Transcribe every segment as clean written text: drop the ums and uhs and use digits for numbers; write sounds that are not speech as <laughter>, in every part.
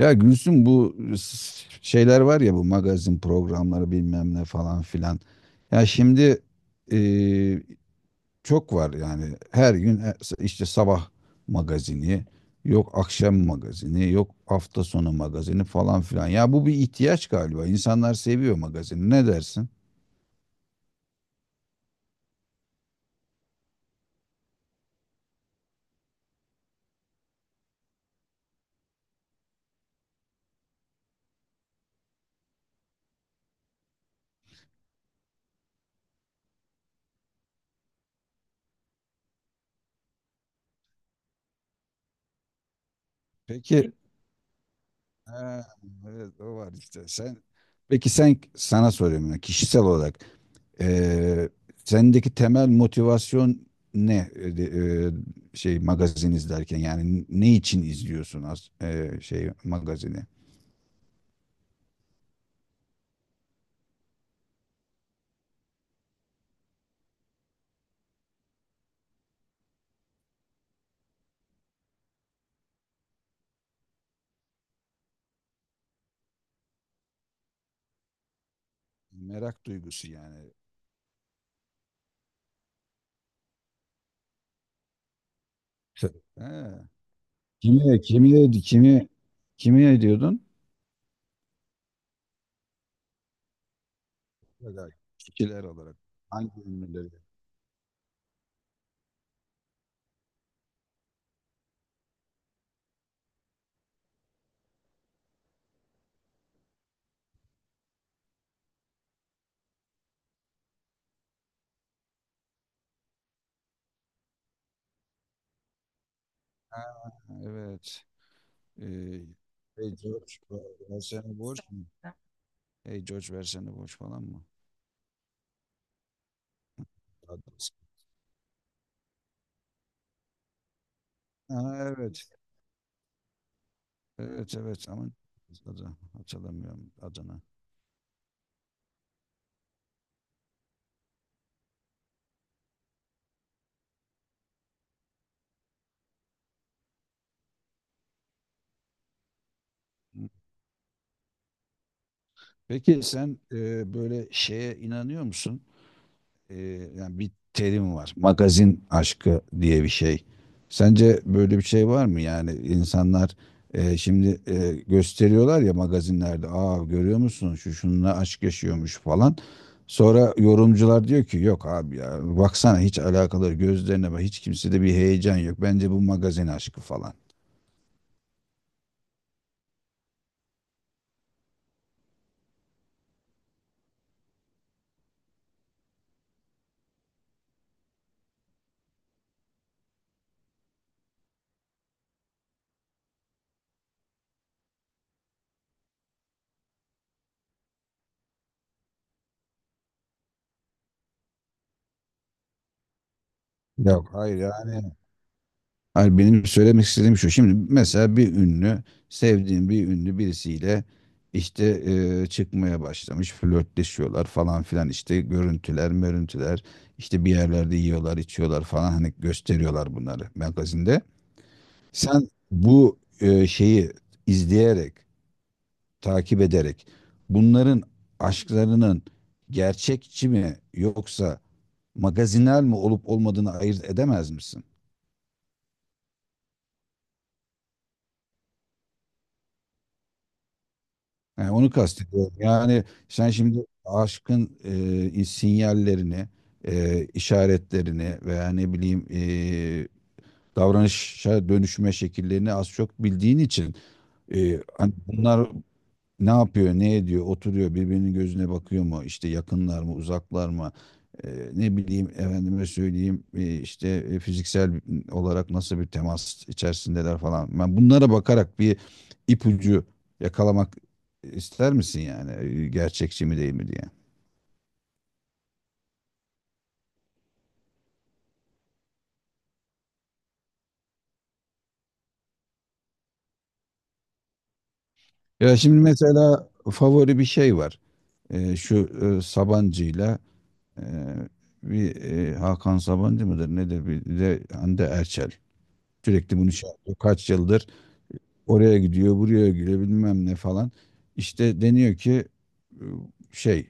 Ya Gülsüm bu şeyler var ya, bu magazin programları bilmem ne falan filan. Ya şimdi e, çok var yani, her gün işte sabah magazini, yok akşam magazini, yok hafta sonu magazini falan filan. Ya bu bir ihtiyaç galiba. İnsanlar seviyor magazini. Ne dersin? Peki. Ha, evet, o var işte. Peki sen, sana soruyorum ya kişisel olarak, eee, sendeki temel motivasyon ne, şey, magazin izlerken yani ne için izliyorsun az şey magazini? Merak duygusu yani. T- Ha. Kimi, kimi, kimi, kimi ediyordun? Kişiler olarak. Hangi ünlüleri? Evet. Ee, Hey George, versene borç mu? Hey George, versene borç falan mı? Adres. Ha, evet. Evet, evet, ama adı hatırlamıyorum, adını. Hı. Peki sen böyle şeye inanıyor musun? e, Yani bir terim var. Magazin aşkı diye bir şey. Sence böyle bir şey var mı? Yani insanlar şimdi gösteriyorlar ya magazinlerde. Aa, görüyor musun, şu şununla aşk yaşıyormuş falan. Sonra yorumcular diyor ki yok abi ya, baksana, hiç alakaları, gözlerine bak, hiç kimsede bir heyecan yok. Bence bu magazin aşkı falan. Yok, hayır, yani hayır, benim söylemek istediğim şu. Şimdi mesela bir ünlü, sevdiğim bir ünlü birisiyle işte çıkmaya başlamış, flörtleşiyorlar falan filan, işte görüntüler, mörüntüler, işte bir yerlerde yiyorlar, içiyorlar falan, hani gösteriyorlar bunları magazinde. Sen bu şeyi izleyerek, takip ederek, bunların aşklarının gerçekçi mi yoksa magazinel mi olup olmadığını ayırt edemez misin? Yani onu kastediyorum. Yani sen şimdi aşkın sinyallerini, işaretlerini, veya ne bileyim davranışa dönüşme şekillerini az çok bildiğin için, hani bunlar ne yapıyor, ne ediyor, oturuyor, birbirinin gözüne bakıyor mu, işte yakınlar mı, uzaklar mı? Ne bileyim, efendime söyleyeyim, işte fiziksel olarak nasıl bir temas içerisindeler falan. Ben bunlara bakarak bir ipucu yakalamak ister misin yani, gerçekçi mi değil mi diye. Ya şimdi mesela favori bir şey var. Şu Sabancı'yla, eee, bir Hakan Sabancı mıdır nedir, bir de Hande Erçel. Sürekli bunu şey yapıyor. Kaç yıldır oraya gidiyor, buraya gidiyor, bilmem ne falan. İşte deniyor ki e, şey,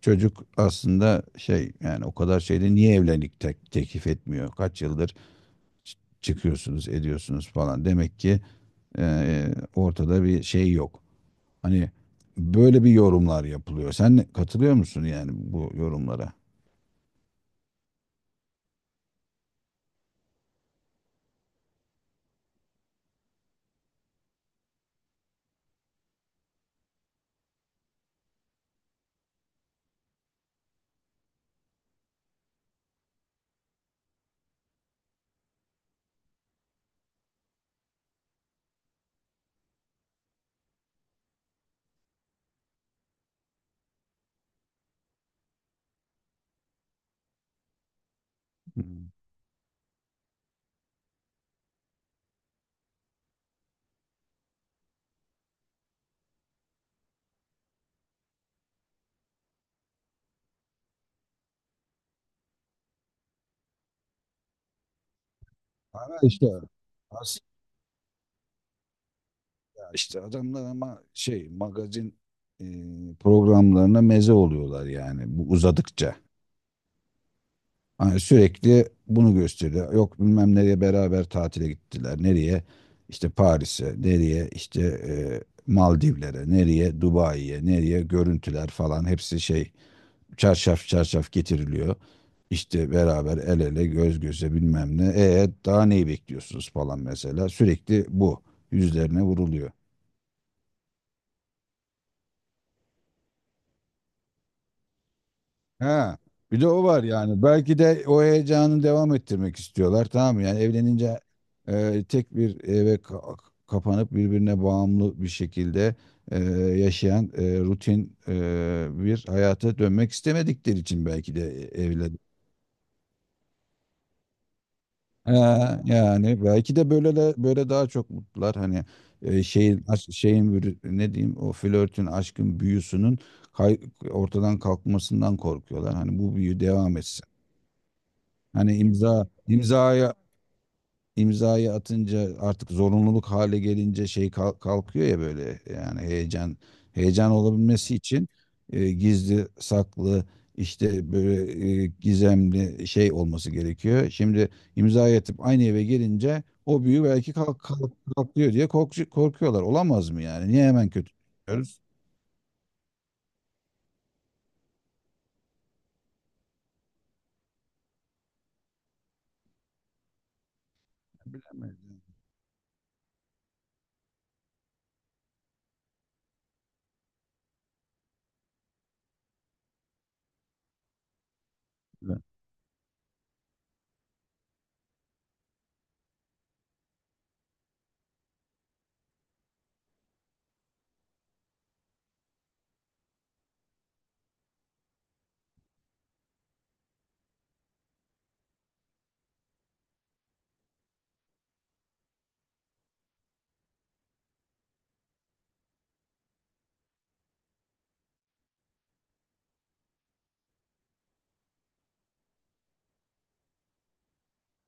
çocuk aslında şey, yani o kadar şeyde niye evlilik teklif etmiyor? Kaç yıldır çıkıyorsunuz, ediyorsunuz falan. Demek ki ortada bir şey yok. Hani böyle bir yorumlar yapılıyor. Sen katılıyor musun yani bu yorumlara? Hmm. Ama işte aslında, işte adamlar ama şey, magazin e, programlarına meze oluyorlar yani, bu uzadıkça. Hani sürekli bunu gösteriyor. Yok, bilmem nereye beraber tatile gittiler. Nereye? İşte Paris'e. Nereye? İşte e, Maldivlere. Nereye? Dubai'ye. Nereye? Görüntüler falan, hepsi şey, çarşaf çarşaf getiriliyor. İşte beraber el ele, göz göze, bilmem ne. Daha neyi bekliyorsunuz falan mesela. Sürekli bu yüzlerine vuruluyor. Ha, bir de o var yani. Belki de o heyecanı devam ettirmek istiyorlar. Tamam mı? Yani evlenince tek bir eve kapanıp, birbirine bağımlı bir şekilde e, yaşayan, rutin bir hayata dönmek istemedikleri için belki de evlen. Ha, yani belki de böyle daha çok mutlular. Hani ne diyeyim, o flörtün, aşkın büyüsünün kay- ortadan kalkmasından korkuyorlar. Hani bu büyü devam etsin. Hani imzayı atınca, artık zorunluluk hale gelince şey kalkıyor ya böyle, yani heyecan olabilmesi için gizli saklı, işte böyle gizemli şey olması gerekiyor. Şimdi imzayı atıp aynı eve gelince o büyü belki kalkıyor diye korkuyorlar. Olamaz mı yani? Niye hemen kötü diyoruz? Bilemedim.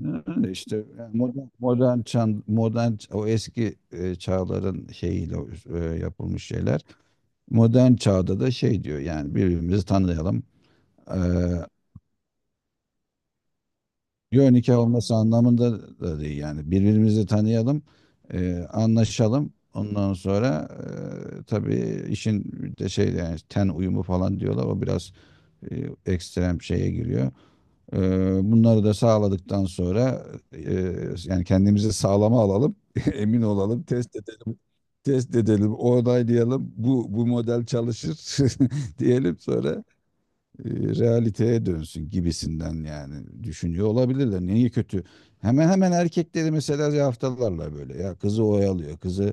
Yani işte yani, modern o eski çağların şeyiyle yapılmış şeyler. Modern çağda da şey diyor, yani birbirimizi tanıyalım. Ee, Yo, nikah olması anlamında da değil, yani birbirimizi tanıyalım, anlaşalım. Ondan sonra tabii, işin bir de şey yani ten uyumu falan diyorlar. O biraz e, ekstrem şeye giriyor. Ee, Bunları da sağladıktan sonra, e, yani kendimizi sağlama alalım, <laughs> emin olalım, test edelim, onaylayalım. Bu model çalışır <laughs> diyelim, sonra realiteye dönsün gibisinden, yani düşünüyor olabilirler. Niye kötü? Hemen hemen erkekleri mesela yaftalarla, böyle ya, kızı oyalıyor, kızı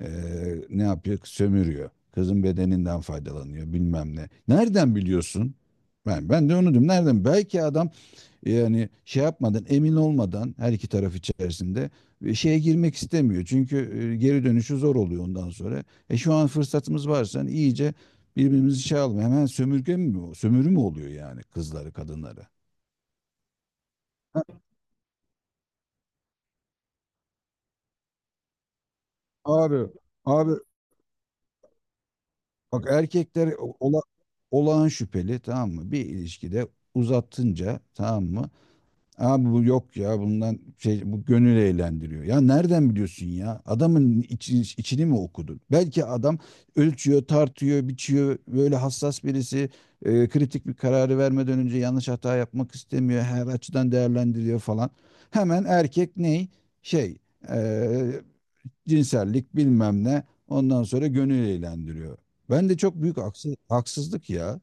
e, ne yapıyor, sömürüyor, kızın bedeninden faydalanıyor bilmem ne. Nereden biliyorsun? Ben de onu diyorum. Nereden? Belki adam, yani şey yapmadan, emin olmadan, her iki taraf içerisinde şeye girmek istemiyor. Çünkü geri dönüşü zor oluyor ondan sonra. Şu an fırsatımız varsa, hani iyice birbirimizi şey alalım. Hemen sömürge mi o, sömürü mü oluyor yani, kızları, kadınları? Ha. Abi, abi, bak, erkekler ola, olağan şüpheli, tamam mı? Bir ilişkide uzatınca, tamam mı? Abi bu yok ya, bundan şey, bu gönül eğlendiriyor. Ya nereden biliyorsun ya? Adamın içini mi okudun? Belki adam ölçüyor, tartıyor, biçiyor. Böyle hassas birisi kritik bir kararı vermeden önce yanlış hata yapmak istemiyor, her açıdan değerlendiriyor falan. Hemen erkek ney? Şey, e, cinsellik, bilmem ne. Ondan sonra gönül eğlendiriyor. Ben de, çok büyük haksızlık ya.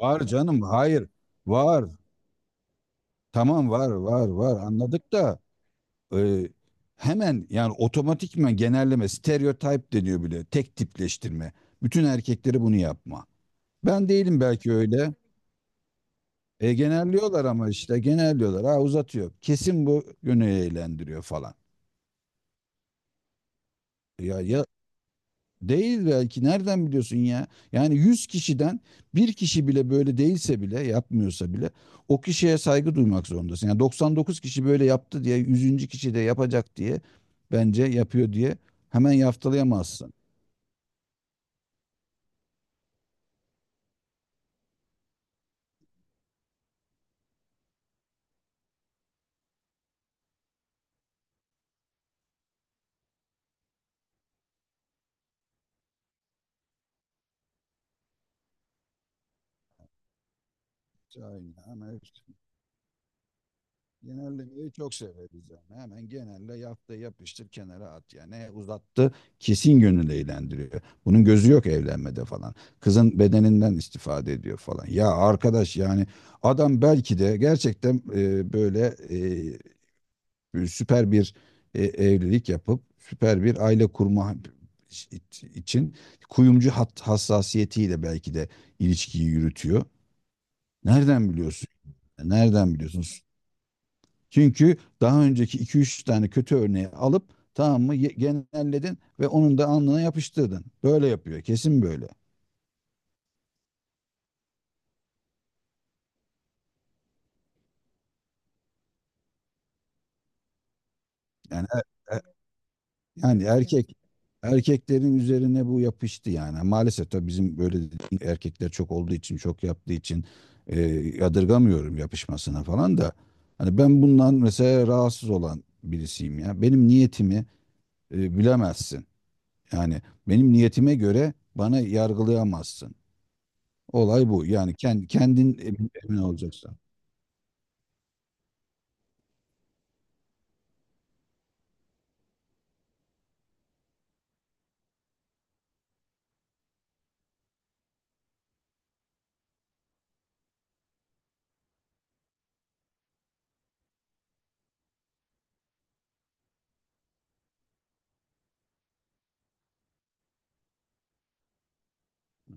Var canım, hayır, var. Tamam, var, var, var, anladık da e, hemen yani otomatikman genelleme, stereotip deniyor bile. Tek tipleştirme. Bütün erkekleri bunu yapma. Ben değilim belki öyle. Genelliyorlar, ama işte genelliyorlar. Ha, uzatıyor, kesin bu yönü eğlendiriyor falan. Ya, değil belki, nereden biliyorsun ya? Yani 100 kişiden bir kişi bile böyle değilse bile, yapmıyorsa bile, o kişiye saygı duymak zorundasın. Yani 99 kişi böyle yaptı diye, yüzüncü kişi de yapacak diye, bence yapıyor diye hemen yaftalayamazsın. Aynen, ama işte genellemeyi çok severiz yani. Hemen genelle, yap da yapıştır, kenara at yani. Ne, uzattı, kesin yönünde eğlendiriyor, bunun gözü yok evlenmede falan, kızın bedeninden istifade ediyor falan. Ya arkadaş, yani adam belki de gerçekten böyle süper bir evlilik yapıp süper bir aile kurma için, kuyumcu hassasiyetiyle belki de ilişkiyi yürütüyor. Nereden biliyorsun? Nereden biliyorsun? Çünkü daha önceki iki üç tane kötü örneği alıp, tamam mı, genelledin ve onun da alnına yapıştırdın. Böyle yapıyor. Kesin böyle. Yani e- e- yani erkeklerin üzerine bu yapıştı yani. Maalesef tabii, bizim böyle dediğim erkekler çok olduğu için, çok yaptığı için, e, yadırgamıyorum yapışmasına falan da. Hani ben bundan mesela rahatsız olan birisiyim ya. Benim niyetimi bilemezsin. Yani benim niyetime göre bana yargılayamazsın. Olay bu. Yani kendi kendin emin olacaksın.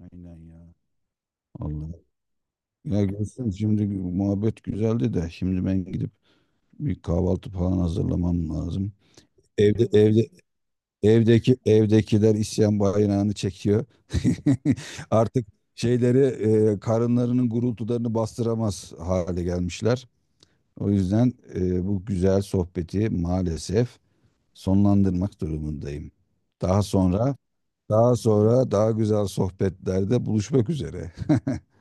Aynen ya. Allah. Ya Gülsüm, şimdi muhabbet güzeldi de, şimdi ben gidip bir kahvaltı falan hazırlamam lazım. Evde evde Evdekiler isyan bayrağını çekiyor. <laughs> Artık şeyleri, karınlarının gurultularını bastıramaz hale gelmişler. O yüzden bu güzel sohbeti maalesef sonlandırmak durumundayım. Daha sonra Daha sonra daha güzel sohbetlerde buluşmak üzere. <laughs>